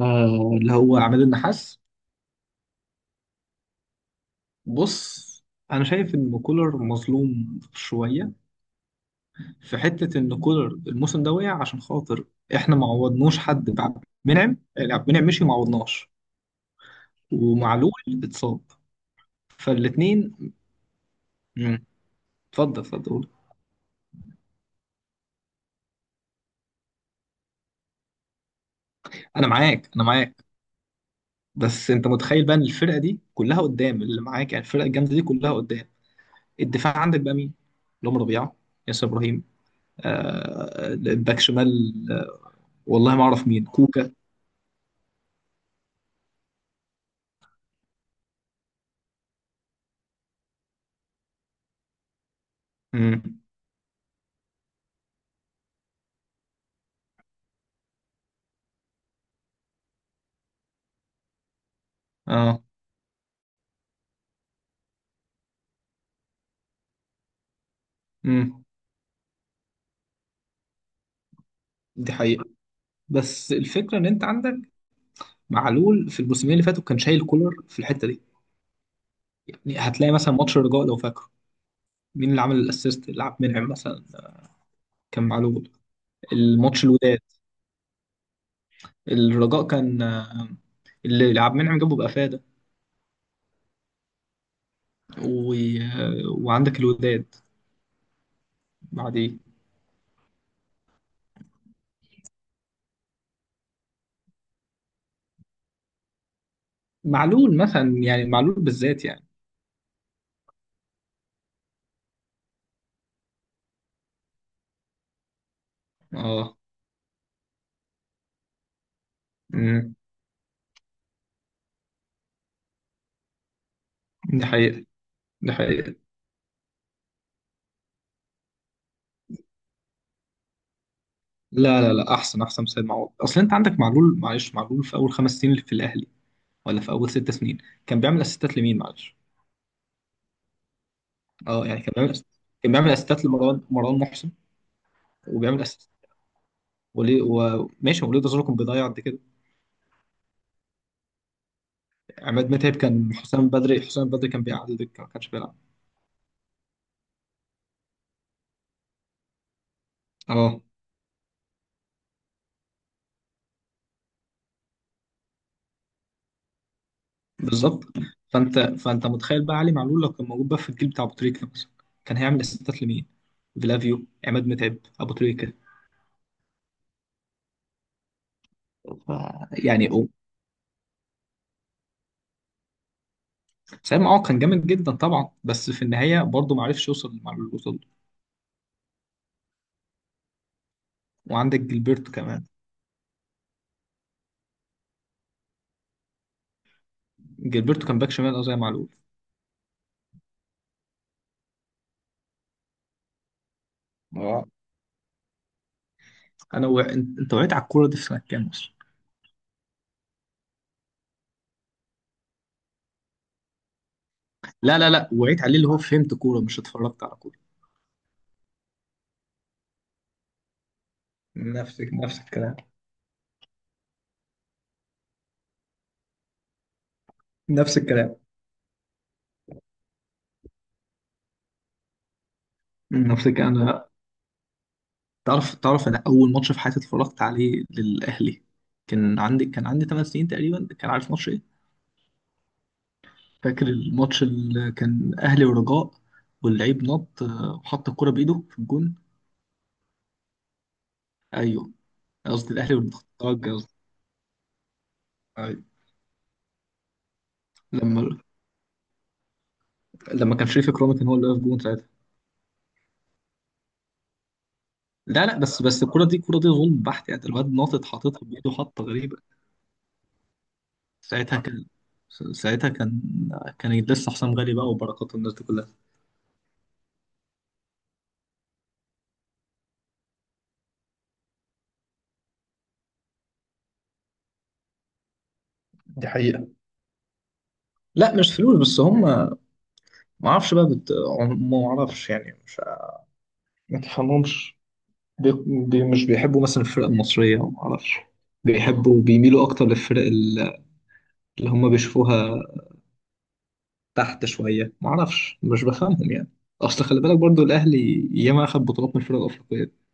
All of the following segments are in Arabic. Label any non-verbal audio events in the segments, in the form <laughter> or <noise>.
آه، اللي هو عماد النحاس. بص، انا شايف ان كولر مظلوم شويه، في حته ان كولر الموسم ده وقع عشان خاطر احنا ما عوضناش حد بعبد منعم. يعني عبد المنعم مشي وما عوضناش، ومعلول اتصاب، فالاثنين. اتفضل اتفضل قول. انا معاك انا معاك. بس انت متخيل بقى ان الفرقه دي كلها قدام اللي معاك، يعني الفرقه الجامده دي كلها قدام. الدفاع عندك بقى مين؟ اللي هم ربيعه، ياسر ابراهيم، آه الباك شمال، آه. والله ما اعرف مين كوكا. امم. اه، امم. دي حقيقة. بس الفكرة ان انت عندك معلول في الموسمين اللي فاتوا كان شايل كولر في الحتة دي. يعني هتلاقي مثلا ماتش الرجاء لو فاكره، مين اللي عمل الاسيست اللي عبد المنعم مثلا؟ كان معلول. الماتش الوداد، الرجاء كان اللي عبد المنعم جابه بأفادة و... آه، وعندك الوداد بعديه. معلول مثلا، يعني معلول بالذات يعني. اه، امم. دي حقيقة، دي حقيقة. لا لا لا، احسن سيد معوض. اصل انت عندك معلول، معلش، معلول في اول 5 سنين في الاهلي، ولا في اول 6 سنين كان بيعمل اسيستات لمين، معلش؟ اه، يعني كان بيعمل كان بيعمل اسيستات لمروان، مروان محسن، وبيعمل اسيست وليه، وماشي وليه ده كان بيضيع قد كده. عماد متعب، كان حسام بدري، حسام بدري، كان بيقعد الدكه ما كانش بيلعب. اه، بالظبط. فانت متخيل بقى علي معلول لو كان موجود بقى في الجيل بتاع ابو تريكه مثلا، كان هيعمل اسيستات لمين؟ فلافيو، عماد متعب، ابو تريكه. ف- يعني سام، اه، كان جامد جدا طبعا، بس في النهايه برضه ما عرفش يوصل للمعلول اللي وصل له. وعندك جilberto كمان. جilberto كان باك شمال، اه، زي معلول. اه، انت وعيت على الكوره دي في سنه كام اصلا؟ لا لا لا، وعيت عليه اللي هو فهمت كوره، مش اتفرجت على كوره. نفس الكلام. نفس الكلام. نفس الكلام انا. تعرف، انا اول ماتش في حياتي اتفرجت عليه للاهلي كان عندي 8 سنين تقريبا، كان عارف ماتش ايه؟ فاكر الماتش اللي كان اهلي ورجاء، واللعيب نط، آه، وحط الكرة بايده في الجون. ايوه، قصدي الاهلي والترجي قصدي. أيوة. لما لما كان شريف اكرامي كان هو اللي واقف جون ساعتها. لا لا، بس الكرة دي، الكرة دي ظلم بحت يعني، الواد ناطط حاططها بايده، حطة غريبة. ساعتها كان ساعتها كان لسه حسام غالي بقى، وبركات، والناس دي كلها. دي حقيقة. لا، مش فلوس، بس هم اعرفش بقى بت... ما اعرفش يعني، مش ما تفهمهمش. بي... مش بيحبوا مثلا الفرق المصرية، ما اعرفش. بيميلوا اكتر للفرق اللي هم بيشوفوها تحت شويه، معرفش، مش بفهمهم يعني. اصل خلي بالك برضو الاهلي ياما اخد بطولات من الفرق الافريقيه.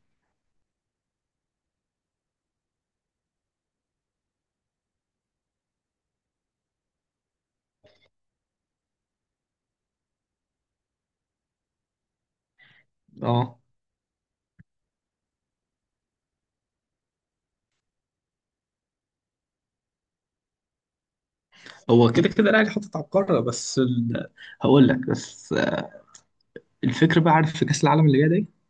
اه، هو كده كده الاهلي حاطط على القاره، هقول لك بس الفكره بقى، عارف في كاس العالم اللي جاي ده إيه؟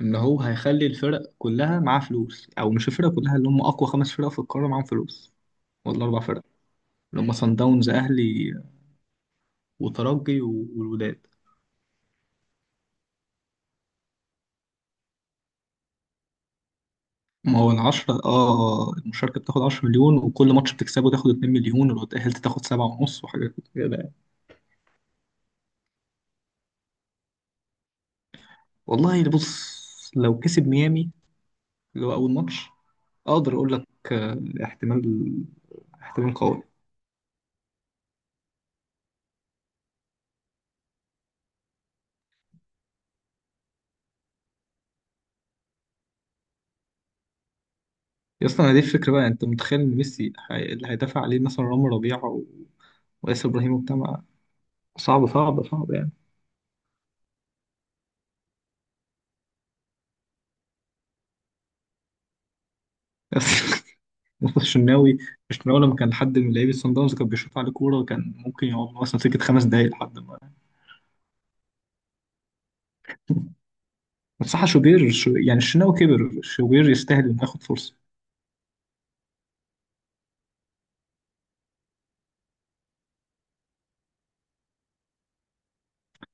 ان هو هيخلي الفرق كلها معاها فلوس، او مش الفرق كلها، اللي هم اقوى خمس فرق في القاره معاهم فلوس، ولا اربع فرق، اللي هم صن داونز، اهلي، وترجي، والوداد. ما هو العشرة، اه، المشاركة بتاخد 10 مليون، وكل ماتش بتكسبه تاخد 2 مليون، ولو اتأهلت تاخد 7.5 وحاجة كده. والله اللي بص، لو كسب ميامي، اللي هو اول ماتش، اقدر اقول لك، آه، احتمال، احتمال قوي. يا اسطى انا دي الفكره بقى، انت متخيل ان ميسي اللي هيدافع عليه مثلا رامي ربيعه وياسر ابراهيم وبتاع صعب صعب صعب يعني. <laughs> مصطفى الشناوي. الشناوي لما كان حد من لعيبه صن داونز كان بيشوط عليه كوره، كان ممكن يقعد مثلا سكه 5 دقايق لحد ما... <laughs> بس صح شوبير، شو يعني، الشناوي كبر، شوبير يستاهل انه ياخد فرصه.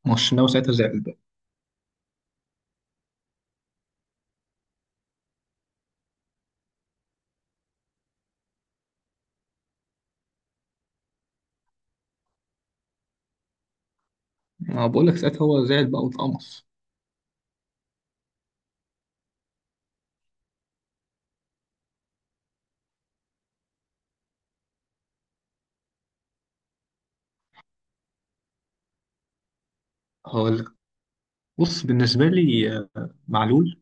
ما هو الشناوي ساعتها زعل بقى. ما بقول لك، ساعتها هو زعل بقى واتقمص. هقول، بص بالنسبة لي، آه، معلول.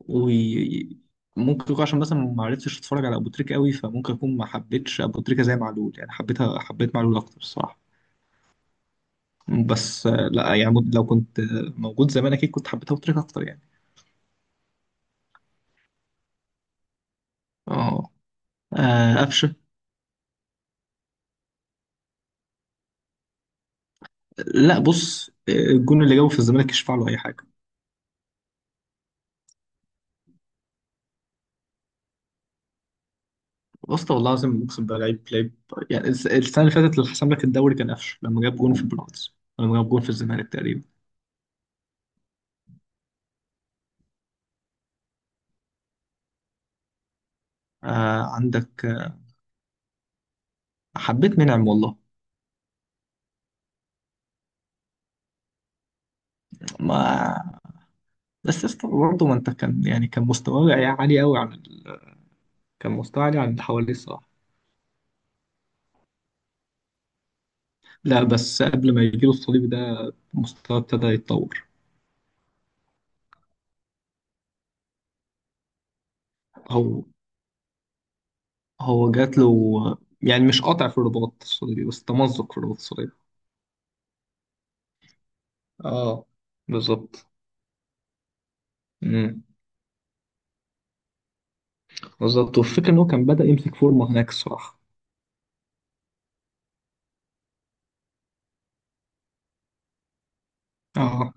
وممكن يكون عشان مثلا ما عرفتش اتفرج على ابو تريكة قوي، فممكن اكون ما حبيتش ابو تريكة زي معلول يعني، حبيتها، حبيت معلول اكتر الصراحة. بس، آه، لا يعني، لو كنت، آه، موجود زمان اكيد كنت حبيت ابو تريكة اكتر يعني. اه، آه، قفشة. لا بص، آه، الجون اللي جابه في الزمالك يشفع له اي حاجة. بص والله العظيم اقسم بالله، لعيب، لعيب يعني. السنة اللي فاتت اللي حسم لك الدوري كان قفشة، لما جاب جون في البيراميدز، لما جاب جون في الزمالك تقريبا. آه، عندك، آه، حبيت منعم والله. ما، بس يا اسطى برضه، ما انت كان يعني، عالي قوي عن ال... كان مستواه عالي عن اللي حواليه الصراحه. لا، بس قبل ما يجيله الصليبي ده، مستواه ابتدى يتطور. هو هو جات له، يعني مش قاطع في الرباط الصليبي، بس تمزق في الرباط الصليبي. اه، بالظبط. امم، بالظبط. والفكره ان هو كان بدأ يمسك فورمه هناك الصراحه. اه.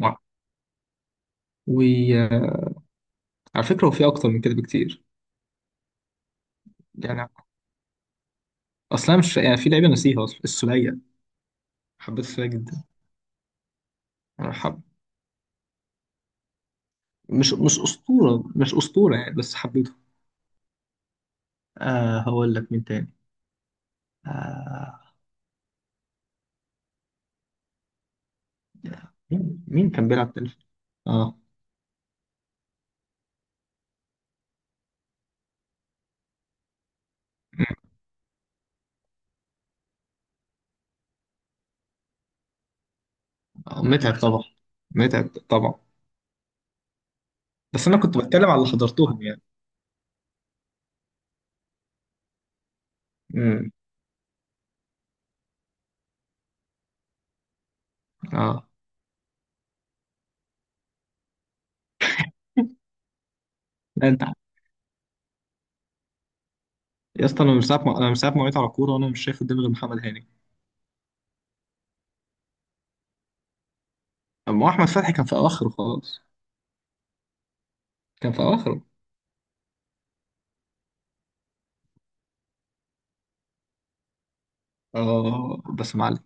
وعلى فكره هو في اكتر من كده بكتير، يعني اصلا، مش يعني، في لعيبه نسيها اصلا، السوليه. حبيت السوليه جدا، مش أسطورة، مش أسطورة يعني، بس حبيته. آه هقول لك مين تاني. آه، مين كان بيلعب تاني. اه، آه، متعب طبعا، متعب طبعا. بس انا كنت بتكلم على اللي حضرتهم يعني. امم. اه، لا انت، يا اسطى، انا من ساعه ما وقعت على كوره، وانا مش شايف قدامي غير محمد هاني. اما احمد فتحي كان في اواخره خلاص، كان في اواخره. اه، باسم علي.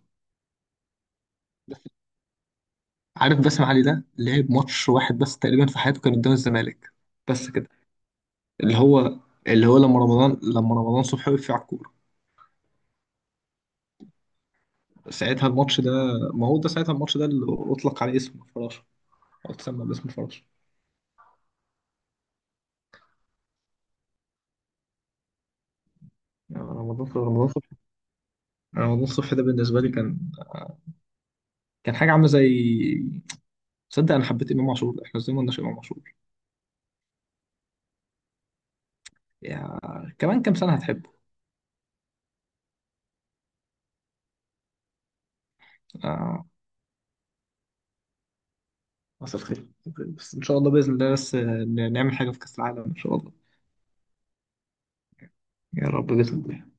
بس عارف باسم علي ده لعب ماتش واحد بس تقريبا في حياته، كان قدام الزمالك، بس كده. اللي هو اللي هو لما رمضان، لما رمضان صبحي وقف على الكورة ساعتها، الماتش ده. ما هو ده ساعتها الماتش ده اللي أطلق عليه اسم الفراشة، أو اتسمى باسم الفراشة. يعني رمضان صبحي، رمضان صبحي، رمضان صبحي ده بالنسبة لي كان، كان حاجة عاملة زي... تصدق أنا حبيت إمام عاشور، إحنا إزاي ما قلناش إمام عاشور. يا، كمان كام سنة هتحبه. آه، مساء الخير. بس إن شاء الله بإذن الله، بس نعمل حاجة في كأس العالم إن شاء الله. يا رب بإذن الله.